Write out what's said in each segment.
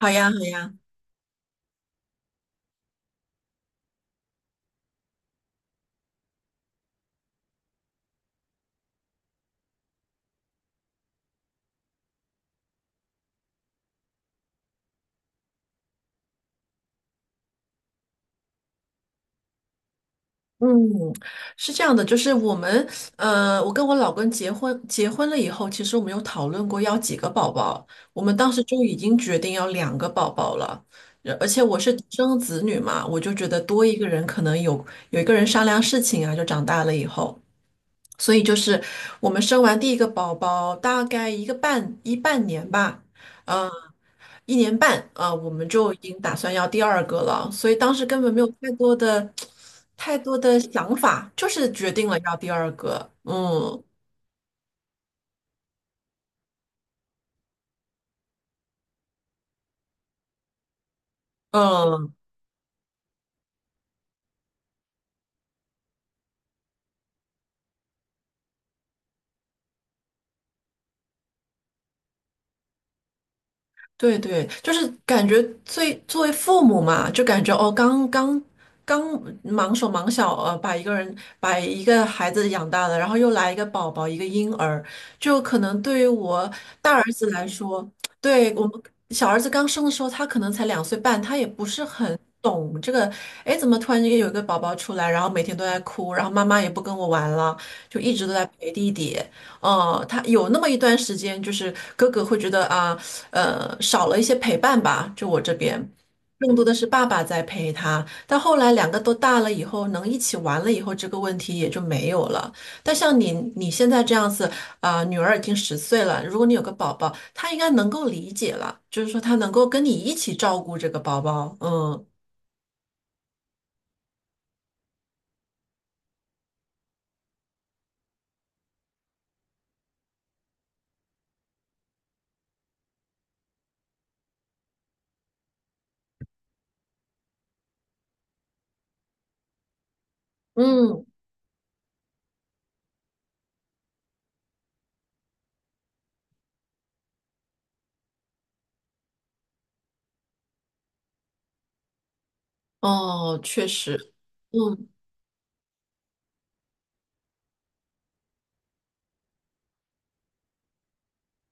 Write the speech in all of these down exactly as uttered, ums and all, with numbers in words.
好呀，好呀。嗯，是这样的，就是我们，呃，我跟我老公结婚，结婚了以后，其实我们有讨论过要几个宝宝。我们当时就已经决定要两个宝宝了。呃而且我是独生子女嘛，我就觉得多一个人可能有有一个人商量事情啊，就长大了以后。所以就是我们生完第一个宝宝大概一个半一半年吧，嗯。一年半啊，我们就已经打算要第二个了，所以当时根本没有太多的、太多的想法，就是决定了要第二个。嗯嗯，对对，就是感觉最作为父母嘛，就感觉哦，刚刚刚忙手忙脚呃，把一个人把一个孩子养大了，然后又来一个宝宝，一个婴儿，就可能对于我大儿子来说。对我们小儿子刚生的时候，他可能才两岁半，他也不是很懂这个，哎，怎么突然间有一个宝宝出来，然后每天都在哭，然后妈妈也不跟我玩了，就一直都在陪弟弟。哦，呃他有那么一段时间，就是哥哥会觉得啊。呃，少了一些陪伴吧，就我这边，更多的是爸爸在陪他。但后来两个都大了以后，能一起玩了以后，这个问题也就没有了。但像你你现在这样子，啊、女儿已经十岁了，如果你有个宝宝，她应该能够理解了，就是说她能够跟你一起照顾这个宝宝。嗯嗯，哦，确实，嗯。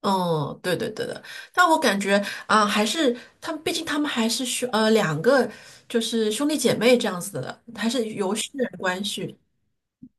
嗯，对对对的，但我感觉啊、还是他们，毕竟他们还是兄呃两个，就是兄弟姐妹这样子的，还是有血。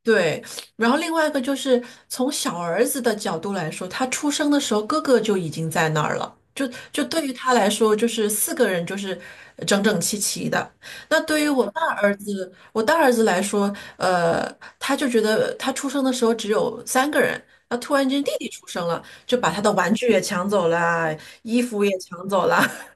对，然后另外一个就是从小儿子的角度来说，他出生的时候哥哥就已经在那儿了，就就对于他来说，就是四个人就是整整齐齐的。那对于我大儿子，我大儿子来说，呃，他就觉得他出生的时候只有三个人，那突然间弟弟出生了，就把他的玩具也抢走了啊，衣服也抢走了，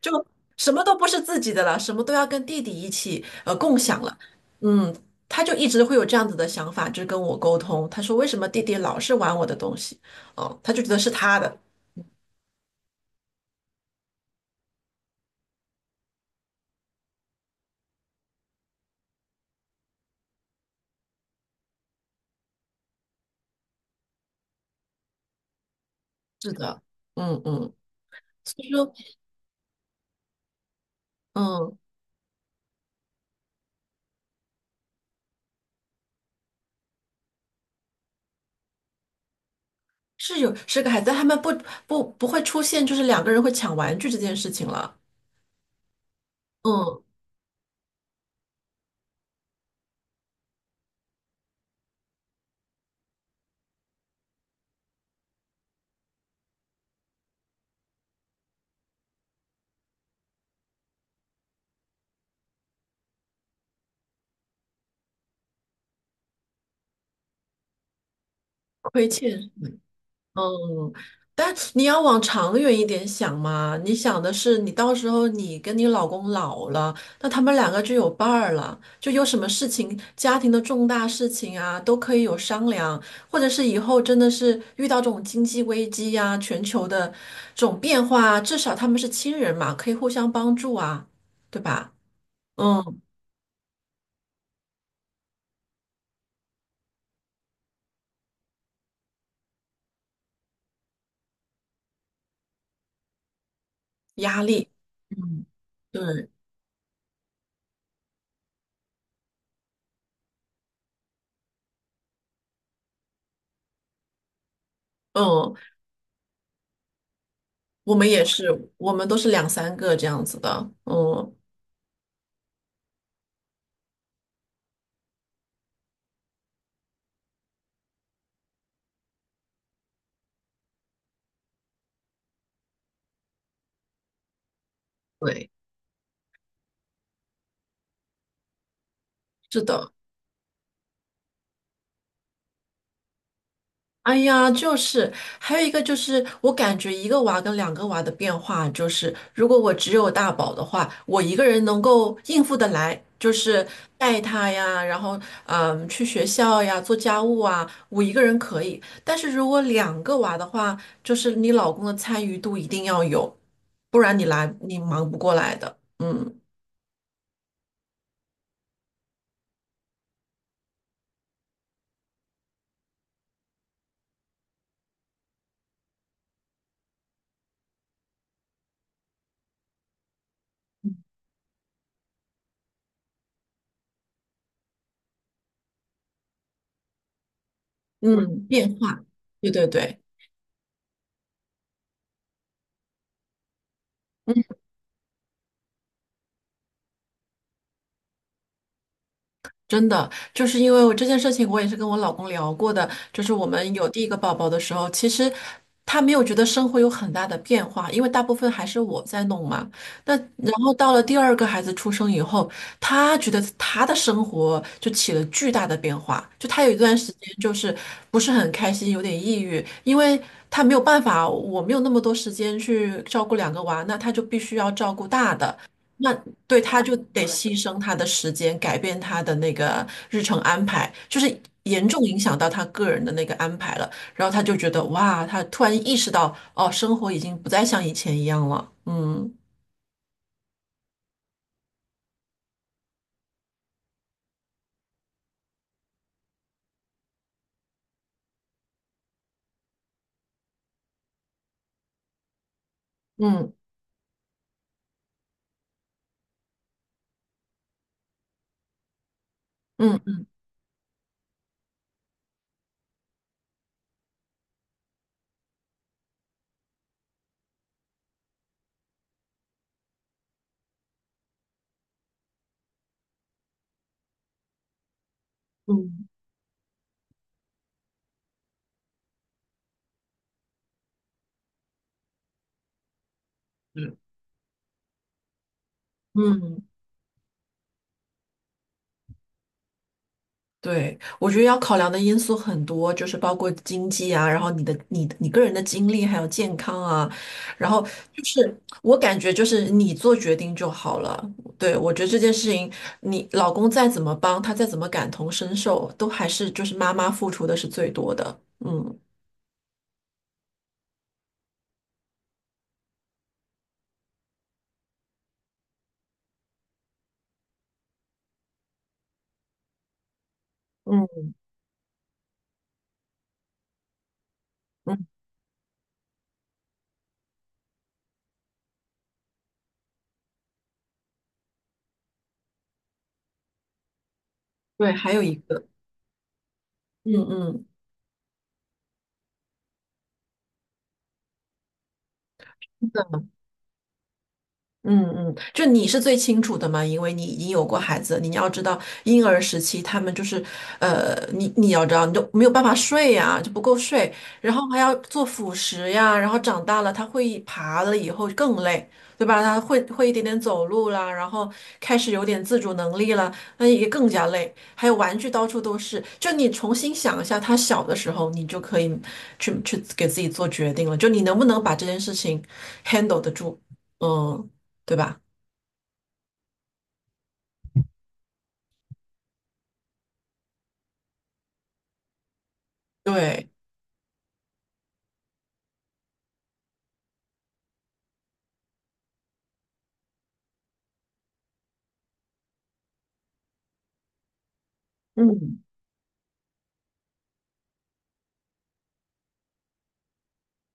就什么都不是自己的了，什么都要跟弟弟一起呃共享了。嗯，他就一直会有这样子的想法，就是跟我沟通。他说为什么弟弟老是玩我的东西？哦，他就觉得是他的。是的，嗯嗯，所以说嗯是有是个孩子，但他们不不不会出现就是两个人会抢玩具这件事情了。嗯，亏欠。嗯，但你要往长远一点想嘛，你想的是你到时候你跟你老公老了，那他们两个就有伴儿了，就有什么事情，家庭的重大事情啊，都可以有商量，或者是以后真的是遇到这种经济危机呀、全球的这种变化啊，至少他们是亲人嘛，可以互相帮助啊，对吧？嗯，压力，嗯，对，嗯，我们也是，我们都是两三个这样子的，嗯。对。是的，哎呀，就是还有一个就是，我感觉一个娃跟两个娃的变化就是，如果我只有大宝的话，我一个人能够应付得来，就是带他呀，然后嗯去学校呀，做家务啊，我一个人可以。但是如果两个娃的话，就是你老公的参与度一定要有，不然你来你忙不过来的。嗯嗯，变化，对对对。真的，就是因为我这件事情，我也是跟我老公聊过的。就是我们有第一个宝宝的时候，其实他没有觉得生活有很大的变化，因为大部分还是我在弄嘛。那然后到了第二个孩子出生以后，他觉得他的生活就起了巨大的变化，就他有一段时间就是不是很开心，有点抑郁，因为他没有办法，我没有那么多时间去照顾两个娃，那他就必须要照顾大的。那对，他就得牺牲他的时间，改变他的那个日程安排，就是严重影响到他个人的那个安排了。然后他就觉得哇，他突然意识到，哦，生活已经不再像以前一样了。嗯嗯嗯嗯嗯。嗯。对，我觉得要考量的因素很多，就是包括经济啊，然后你的、你的你个人的经历，还有健康啊，然后就是我感觉就是你做决定就好了。对，我觉得这件事情，你老公再怎么帮，他再怎么感同身受，都还是就是妈妈付出的是最多的。嗯嗯嗯，对，还有一个，嗯嗯。嗯嗯，就你是最清楚的嘛，因为你已经有过孩子，你要知道婴儿时期他们就是，呃，你你要知道，你就没有办法睡呀、就不够睡，然后还要做辅食呀，然后长大了他会爬了以后更累，对吧？他会会一点点走路啦，然后开始有点自主能力了，那也更加累。还有玩具到处都是，就你重新想一下他小的时候，你就可以去去给自己做决定了，就你能不能把这件事情 handle 得住，嗯。对吧？对，嗯，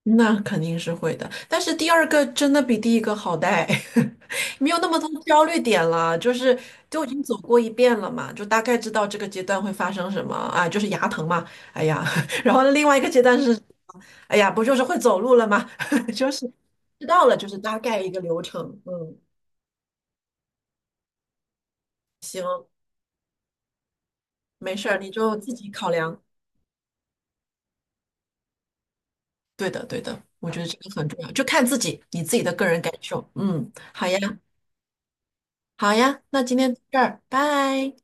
那肯定是会的。但是第二个真的比第一个好带，没有那么多焦虑点了，就是都已经走过一遍了嘛，就大概知道这个阶段会发生什么啊，就是牙疼嘛，哎呀，然后另外一个阶段是，哎呀，不就是会走路了吗？就是知道了，就是大概一个流程。嗯，行，没事儿，你就自己考量。对的，对的，我觉得这个很重要，就看自己，你自己的个人感受。嗯，好呀。好呀，那今天到这儿，拜。